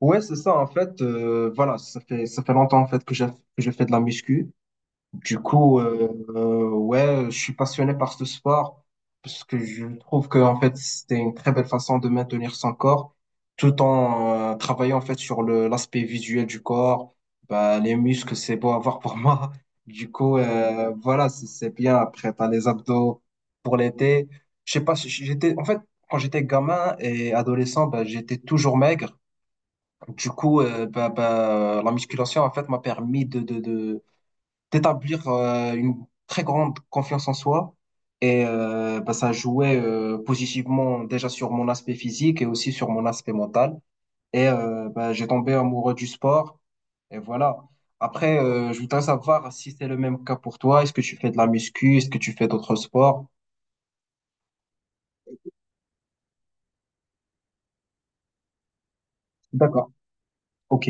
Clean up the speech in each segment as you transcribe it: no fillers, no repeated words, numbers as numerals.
Ouais, c'est ça, en fait, voilà, ça fait longtemps, en fait, que je fais de la muscu. Du coup, euh, ouais, je suis passionné par ce sport, parce que je trouve que, en fait, c'était une très belle façon de maintenir son corps, tout en travaillant, en fait, sur l'aspect visuel du corps. Bah, les muscles, c'est beau à voir pour moi. Du coup, voilà, c'est bien. Après, t'as les abdos pour l'été. Je sais pas, si j'étais, en fait, quand j'étais gamin et adolescent, bah, j'étais toujours maigre. La musculation, en fait, m'a permis d'établir une très grande confiance en soi. Et ben, ça jouait positivement déjà sur mon aspect physique et aussi sur mon aspect mental. Et ben, j'ai tombé amoureux du sport. Et voilà. Après, je voudrais savoir si c'est le même cas pour toi. Est-ce que tu fais de la muscu? Est-ce que tu fais d'autres sports? D'accord. OK.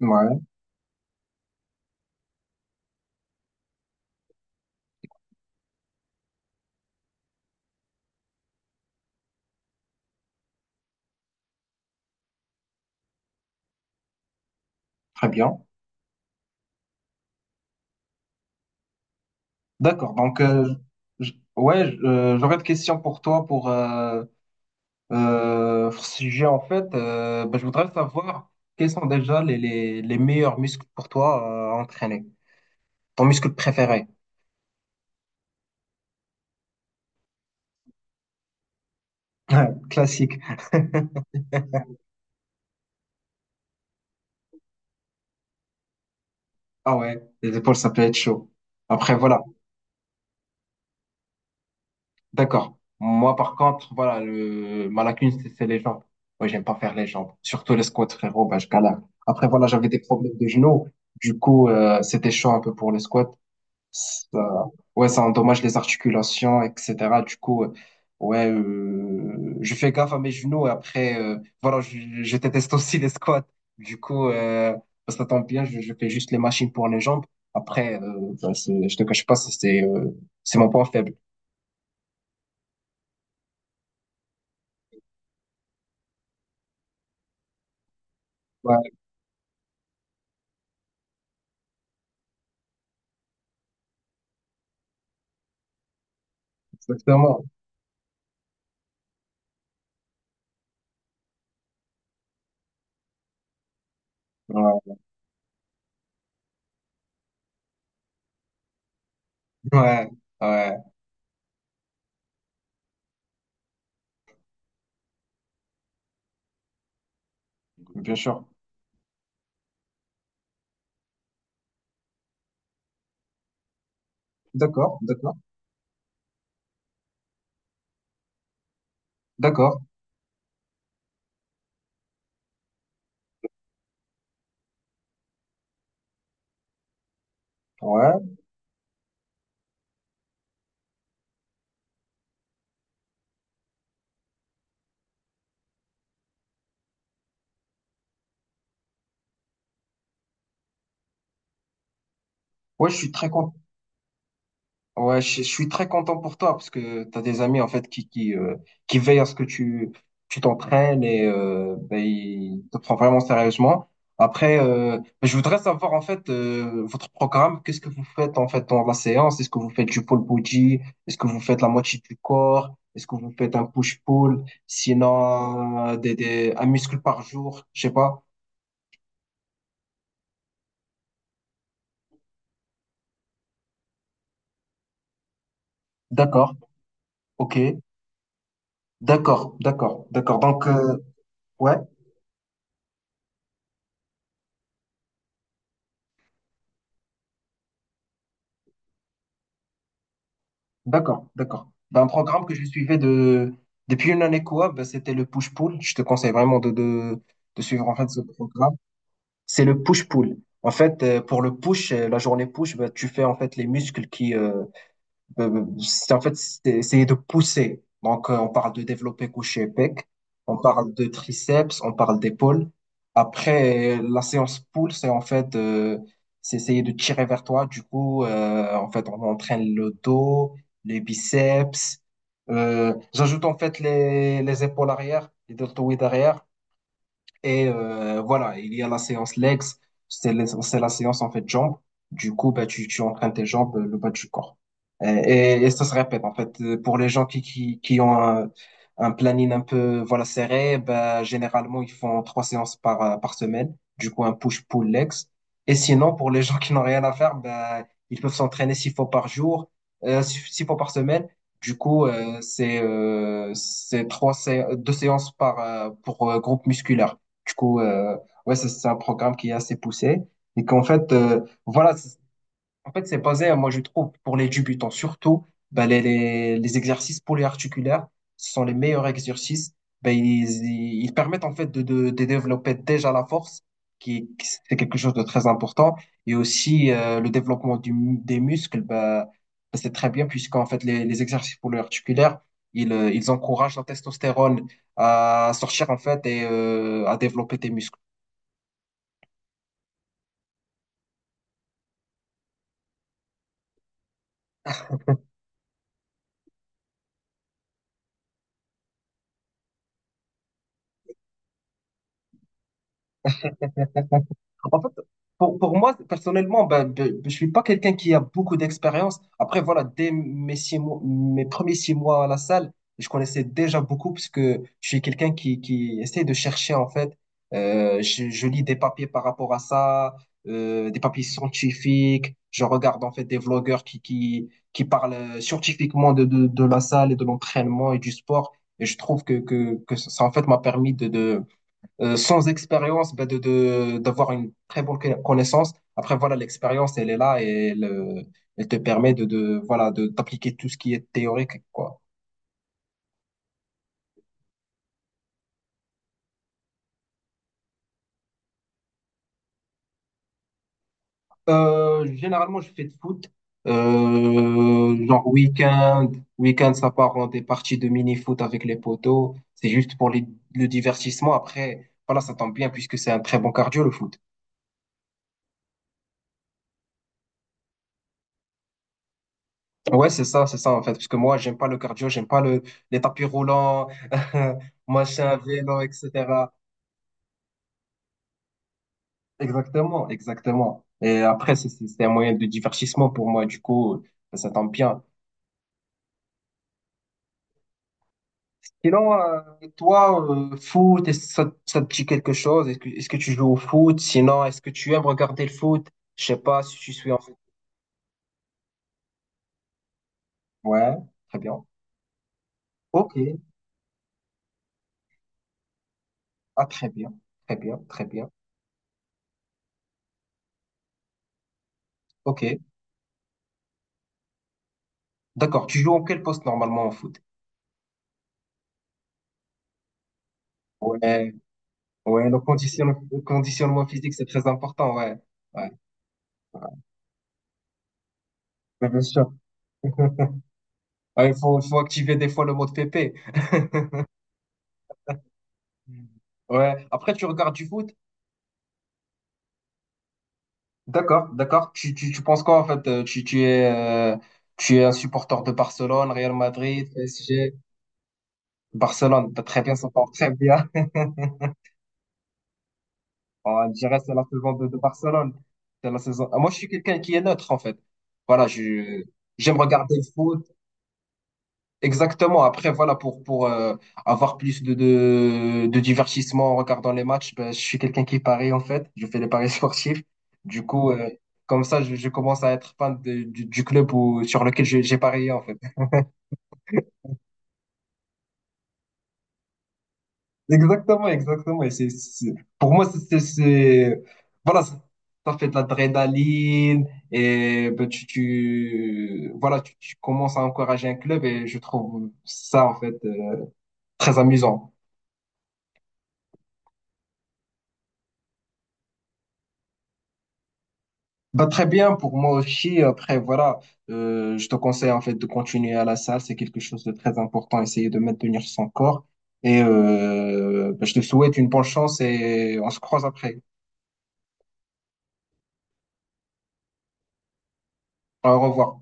Ouais. Très bien. D'accord. J'aurais des questions pour toi pour... Euh, sujet, en fait, bah, je voudrais savoir quels sont déjà les meilleurs muscles pour toi à entraîner. Ton muscle préféré. Classique. Ah ouais, les épaules, ça peut être chaud. Après, voilà. D'accord. Moi, par contre, voilà, ma lacune, c'est les jambes. Ouais, j'aime pas faire les jambes. Surtout les squats, frérot, bah, je galère. Après, voilà, j'avais des problèmes de genoux. C'était chaud un peu pour les squats. Ça, ouais, ça endommage les articulations, etc. Du coup, euh, ouais, je fais gaffe à mes genoux et après, voilà, je déteste aussi les squats. Du coup, bah, ça tombe bien, je fais juste les machines pour les jambes. Après, ben, je te cache pas, c'est mon point faible. Ouais, exactement. Ouais, ouais, ouais, bien sûr. D'accord, d'accord, d'accord. Ouais, ouais, je suis très content. Ouais, je suis très content pour toi parce que tu as des amis en fait qui veillent à ce que tu t'entraînes et ben, ils te prennent vraiment sérieusement. Après, ben, je voudrais savoir en fait votre programme, qu'est-ce que vous faites en fait dans la séance? Est-ce que vous faites du pole body? Est-ce que vous faites la moitié du corps? Est-ce que vous faites un push-pull? Sinon, un muscle par jour? Je sais pas. D'accord, ok. D'accord, d'accord, d'accord. Ouais. D'accord, d'accord. Ben, un programme que je suivais de... depuis une année quoi, ben, c'était le push-pull. Je te conseille vraiment de suivre en fait ce programme. C'est le push-pull. En fait, pour le push, la journée push, ben, tu fais en fait les muscles en fait, c'est de pousser. Donc, on parle de développé couché pec, on parle de triceps, on parle d'épaule. Après, la séance pull, c'est en fait, c'est essayer de tirer vers toi. Du coup, en fait, on entraîne le dos, les biceps. J'ajoute en fait les épaules arrière, les deltoïdes arrière. Et voilà, il y a la séance legs, c'est la séance en fait jambes. Du coup, bah, tu entraînes tes jambes, le bas du corps. Et ça se répète en fait. Pour les gens qui ont un planning un peu voilà, serré, bah, généralement, ils font trois séances par, par semaine. Du coup, un push-pull legs. Et sinon, pour les gens qui n'ont rien à faire, bah, ils peuvent s'entraîner six fois par jour, six fois par semaine. Du coup, c'est deux séances par pour groupe musculaire. Du coup, ouais, c'est un programme qui est assez poussé. Et qu'en fait, voilà, c'est en fait, c'est basé, moi je trouve, pour les débutants surtout, ben, les exercices polyarticulaires, ce sont les meilleurs exercices. Ben, ils permettent en fait de développer déjà la force, c'est quelque chose de très important, et aussi le développement des muscles, ben, c'est très bien puisqu'en fait les exercices polyarticulaires, ils encouragent la testostérone à sortir en fait et à développer tes muscles. En fait, pour moi, personnellement, ben, je suis pas quelqu'un qui a beaucoup d'expérience. Après, voilà, dès mes six mois, mes premiers six mois à la salle, je connaissais déjà beaucoup parce que je suis quelqu'un qui essaie de chercher, en fait. Je lis des papiers par rapport à ça, des papiers scientifiques. Je regarde, en fait, des vlogueurs qui parlent scientifiquement de la salle et de l'entraînement et du sport. Et je trouve que, ça, en fait, m'a permis de sans expérience, d'avoir une très bonne connaissance. Après, voilà, l'expérience, elle est là et elle, elle te permet voilà, d'appliquer tout ce qui est théorique, quoi. Généralement, je fais de foot. Euh, genre week-end, Week-end, ça part en des parties de mini-foot avec les potos. C'est juste pour le divertissement. Après, voilà, ça tombe bien puisque c'est un très bon cardio, le foot. Ouais, c'est ça en fait. Parce que moi, j'aime pas le cardio, j'aime pas les tapis roulants, machin, vélo, etc. Exactement, exactement. Et après, c'est un moyen de divertissement pour moi, du coup, ça tombe bien. Sinon, toi, foot, est-ce que ça te dit quelque chose? Est-ce que tu joues au foot? Sinon, est-ce que tu aimes regarder le foot? Je sais pas si tu suis en fait. Ouais, très bien. Ok, ah, très bien, très bien, très bien. Ok, d'accord. Tu joues en quel poste normalement au foot? Ouais. Ouais, le conditionnement physique, c'est très important, ouais. Ouais, ouais, bien sûr. Ouais, il faut activer des fois le mode pépé. Ouais, après tu regardes du foot, d'accord, d'accord. Tu penses quoi en fait? Tu es, tu es un supporter de Barcelone, Real Madrid, PSG, Barcelone. T'as très bien, ça part très bien. On dirait que c'est la saison de Barcelone. C'est la saison. Ah, moi, je suis quelqu'un qui est neutre en fait. Voilà, je j'aime regarder le foot. Exactement. Après, voilà, pour avoir plus de divertissement en regardant les matchs, ben, je suis quelqu'un qui parie en fait. Je fais les paris sportifs. Du coup, comme ça, je commence à être fan du club où, sur lequel j'ai parié en fait. Exactement, exactement. Et pour moi, c'est voilà, ça fait de l'adrénaline et ben, voilà, tu commences à encourager un club et je trouve ça en fait très amusant. Bah, très bien, pour moi aussi, après, voilà, je te conseille en fait de continuer à la salle, c'est quelque chose de très important, essayer de maintenir son corps. Et bah, je te souhaite une bonne chance et on se croise après. Au revoir.